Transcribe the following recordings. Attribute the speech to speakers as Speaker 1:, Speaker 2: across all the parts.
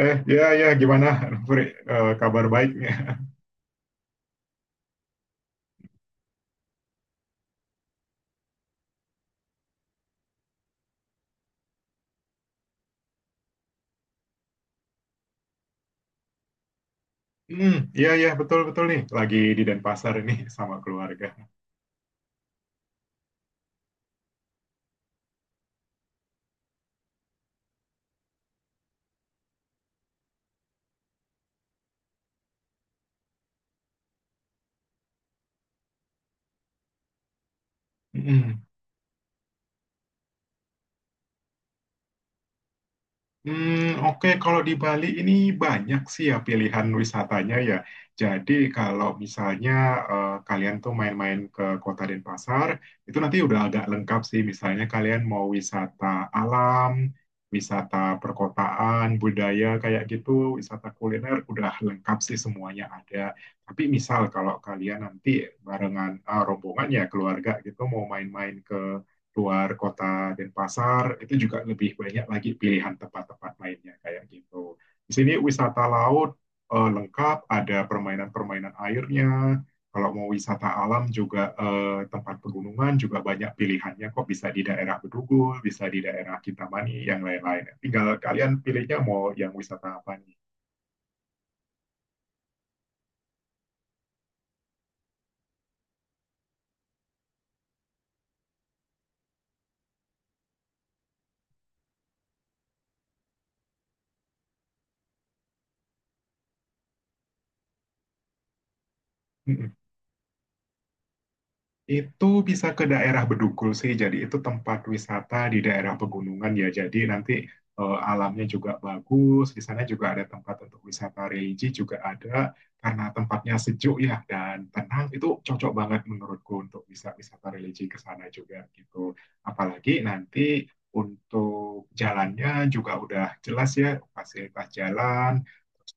Speaker 1: Ya, ya, gimana, Fri? Kabar baiknya? Hmm, ya, ya, betul, betul nih. Lagi di Denpasar ini sama keluarga. Hmm. Hmm, oke, kalau di Bali ini banyak sih ya pilihan wisatanya ya. Jadi kalau misalnya kalian tuh main-main ke Kota Denpasar, itu nanti udah agak lengkap sih. Misalnya kalian mau wisata alam, wisata perkotaan, budaya kayak gitu, wisata kuliner, udah lengkap sih semuanya ada. Tapi misal kalau kalian nanti barengan rombongan ya keluarga gitu mau main-main ke luar kota Denpasar itu juga lebih banyak lagi pilihan tempat-tempat lainnya kayak gitu. Di sini wisata laut lengkap, ada permainan-permainan airnya. Kalau mau wisata alam juga tempat pegunungan juga banyak pilihannya kok bisa di daerah Bedugul, bisa di daerah Kintamani, yang lain-lain. Tinggal kalian pilihnya mau yang wisata apa nih. Itu bisa ke daerah Bedugul sih, jadi itu tempat wisata di daerah pegunungan ya. Jadi nanti alamnya juga bagus, di sana juga ada tempat untuk wisata religi juga ada, karena tempatnya sejuk ya dan tenang. Itu cocok banget menurutku untuk bisa wisata religi ke sana juga gitu. Apalagi nanti untuk jalannya juga udah jelas ya, fasilitas jalan,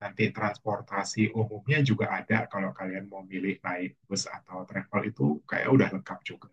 Speaker 1: nanti transportasi umumnya juga ada kalau kalian mau milih naik bus atau travel itu kayak udah lengkap juga.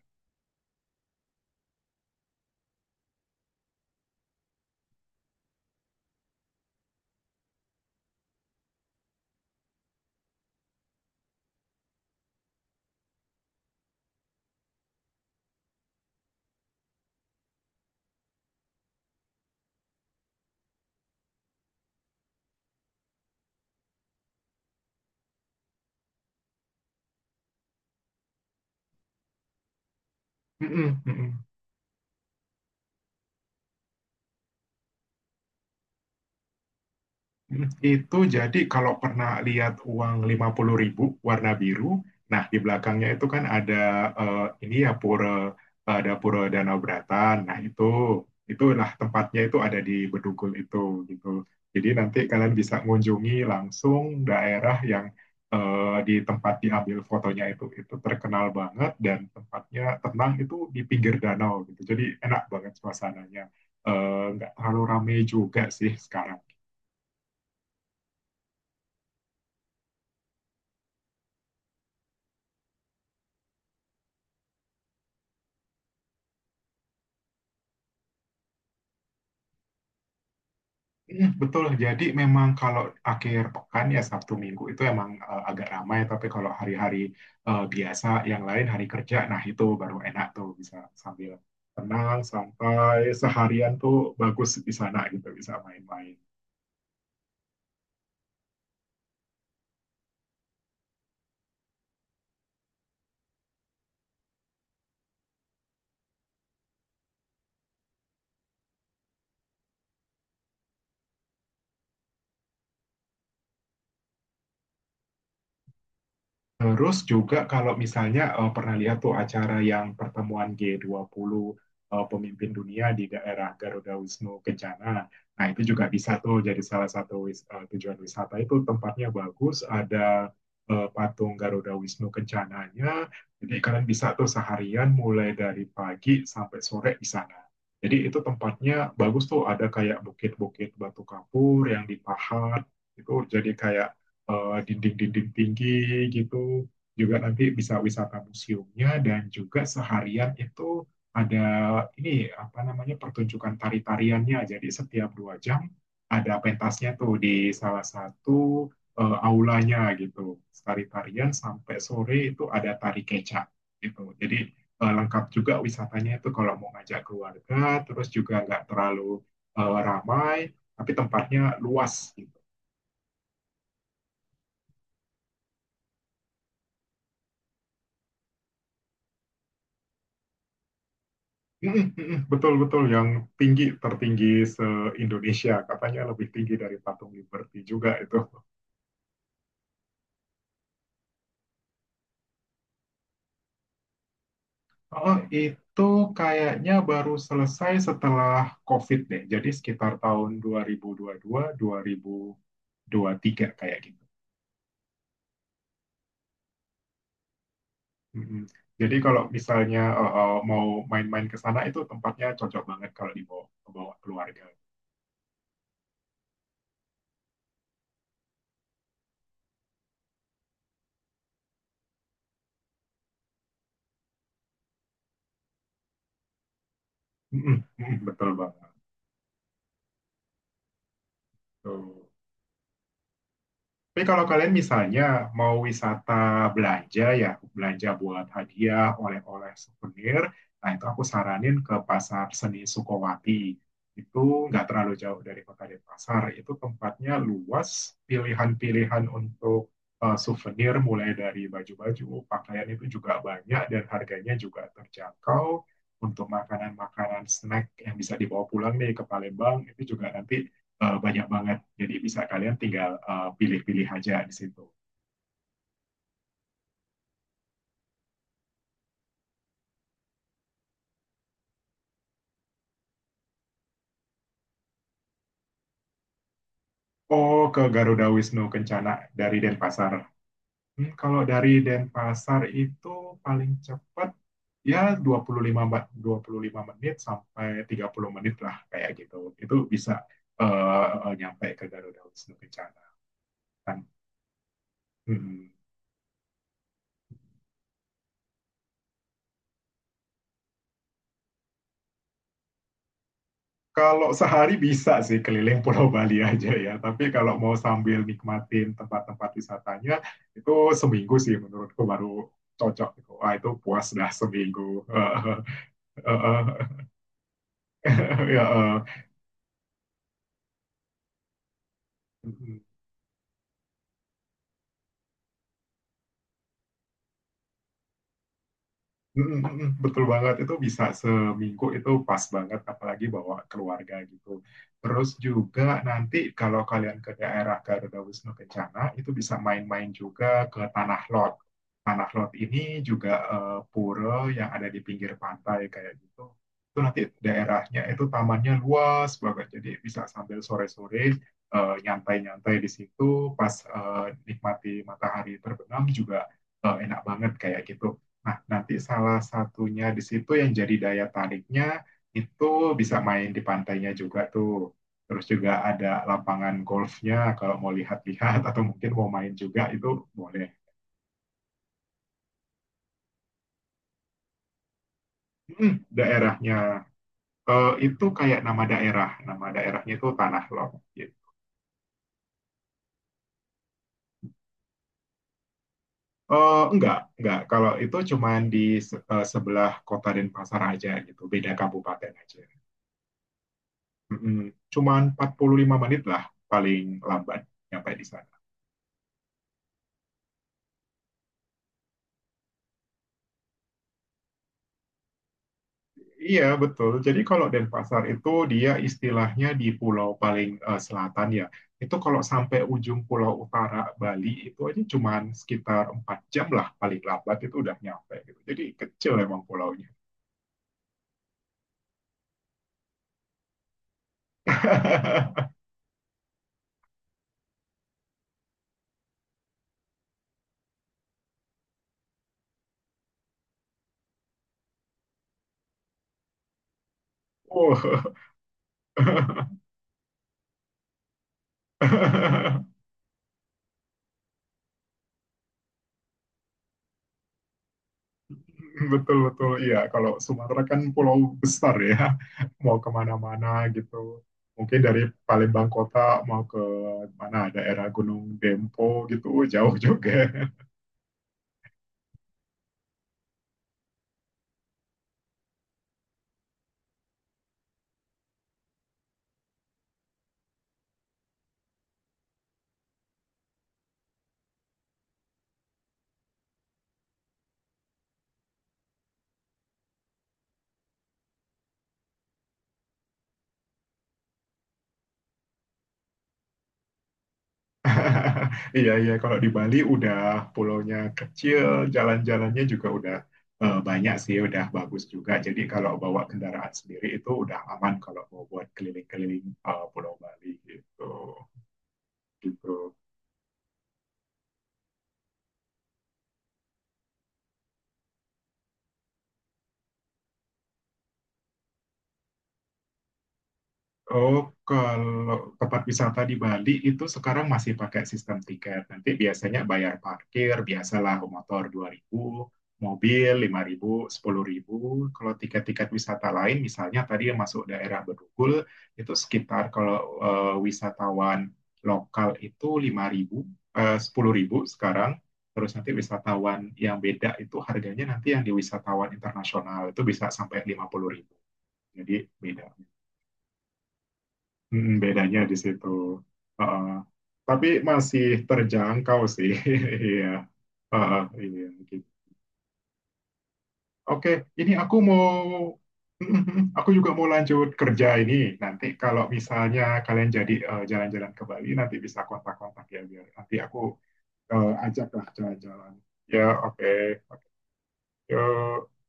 Speaker 1: Mm-mm, mm-mm. Itu jadi kalau pernah lihat uang 50.000 warna biru, nah di belakangnya itu kan ada ini ya pura ada pura Danau Bratan. Nah itu itulah tempatnya itu ada di Bedugul itu gitu. Jadi nanti kalian bisa mengunjungi langsung daerah yang di tempat diambil fotonya itu terkenal banget dan tempatnya tenang itu di pinggir danau gitu. Jadi enak banget suasananya. Nggak terlalu ramai juga sih sekarang. Iya, betul. Jadi memang kalau akhir pekan ya Sabtu Minggu itu emang agak ramai, tapi kalau hari-hari biasa yang lain hari kerja, nah itu baru enak tuh bisa sambil tenang sampai seharian tuh bagus di sana gitu bisa main-main. Terus juga kalau misalnya pernah lihat tuh acara yang pertemuan G20 pemimpin dunia di daerah Garuda Wisnu Kencana. Nah, itu juga bisa tuh jadi salah satu tujuan wisata. Itu tempatnya bagus, ada patung Garuda Wisnu Kencananya. Jadi kalian bisa tuh seharian mulai dari pagi sampai sore di sana. Jadi itu tempatnya bagus tuh, ada kayak bukit-bukit batu kapur yang dipahat. Itu jadi kayak dinding-dinding tinggi gitu. Juga nanti bisa wisata museumnya dan juga seharian itu ada ini apa namanya pertunjukan tari-tariannya. Jadi setiap 2 jam ada pentasnya tuh di salah satu aulanya gitu. Tari-tarian sampai sore itu ada tari kecak gitu. Jadi lengkap juga wisatanya itu kalau mau ngajak keluarga, terus juga nggak terlalu ramai, tapi tempatnya luas. Mm, mm, mm, betul, betul. Yang tinggi, tertinggi se-Indonesia. Katanya lebih tinggi dari Patung Liberty juga itu. Oh, itu kayaknya baru selesai setelah COVID deh. Jadi sekitar tahun 2022, 2023 kayak gitu. Mm, mm. Jadi kalau misalnya mau main-main ke sana itu tempatnya cocok banget kalau dibawa, bawa keluarga. Mm, mm, mm, betul banget. Tuh. Tapi kalau kalian misalnya mau wisata belanja ya, belanja buat hadiah, oleh-oleh, souvenir, nah itu aku saranin ke Pasar Seni Sukowati. Itu nggak terlalu jauh dari Kota Denpasar. Itu tempatnya luas, pilihan-pilihan untuk souvenir mulai dari baju-baju, pakaian itu juga banyak dan harganya juga terjangkau. Untuk makanan-makanan snack yang bisa dibawa pulang nih ke Palembang, itu juga nanti banyak banget. Jadi bisa kalian tinggal pilih-pilih aja di situ. Oh, ke Garuda Wisnu Kencana dari Denpasar. Hmm, kalau dari Denpasar itu paling cepat ya 25 menit sampai 30 menit lah kayak gitu. Itu bisa nyampe ke Garuda Wisnu Kencana. Kan? Hmm. Kalau sehari bisa sih keliling Pulau Bali aja ya, tapi kalau mau sambil nikmatin tempat-tempat wisatanya itu seminggu sih menurutku baru cocok. Wah itu puas dah seminggu. Ya eh. Mm, mm, mm, betul banget, itu bisa seminggu itu pas banget, apalagi bawa keluarga gitu. Terus juga nanti kalau kalian ke daerah Garuda Wisnu Kencana, itu bisa main-main juga ke Tanah Lot. Tanah Lot ini juga pura yang ada di pinggir pantai kayak gitu. Itu nanti daerahnya itu tamannya luas banget, jadi bisa sambil sore-sore nyantai-nyantai di situ, pas nikmati matahari terbenam juga enak banget kayak gitu. Nah, nanti salah satunya di situ yang jadi daya tariknya itu bisa main di pantainya juga tuh. Terus juga ada lapangan golfnya kalau mau lihat-lihat atau mungkin mau main juga itu boleh. Hmm, daerahnya itu kayak nama daerah, nama daerahnya itu Tanah Lot. Gitu. Enggak, enggak. Kalau itu cuman di sebelah kota Denpasar aja gitu, beda kabupaten aja. Mm-mm. Cuman 45 menit lah paling lambat nyampe di sana. Iya, betul. Jadi kalau Denpasar itu dia istilahnya di pulau paling selatan ya. Itu kalau sampai ujung pulau utara Bali itu aja cuman sekitar 4 jam lah paling lambat itu udah nyampe gitu. Jadi kecil emang pulaunya. Oh. Betul betul iya kalau Sumatera kan pulau besar ya mau kemana-mana gitu mungkin dari Palembang kota mau ke mana daerah Gunung Dempo gitu jauh juga. Iya, iya. Kalau di Bali udah pulaunya kecil, jalan-jalannya juga udah banyak sih, udah bagus juga. Jadi kalau bawa kendaraan sendiri itu udah aman kalau mau buat keliling-keliling Pulau Bali gitu. Gitu. Oh, kalau tempat wisata di Bali itu sekarang masih pakai sistem tiket. Nanti biasanya bayar parkir, biasalah motor 2.000, mobil 5.000, 10.000. Kalau tiket-tiket wisata lain, misalnya tadi yang masuk daerah Bedugul, itu sekitar kalau wisatawan lokal itu 5.000, 10.000 sekarang. Terus nanti wisatawan yang beda itu harganya nanti yang di wisatawan internasional itu bisa sampai 50.000. Jadi beda. Mm, bedanya di situ. Heeh. Tapi masih terjangkau sih. Iya. Heeh, iya gitu. Oke, ini aku mau aku juga mau lanjut kerja ini. Nanti kalau misalnya kalian jadi jalan-jalan ke Bali nanti bisa kontak-kontak ya biar nanti aku ajak lah jalan-jalan. Ya, oke. Oke. Yuk.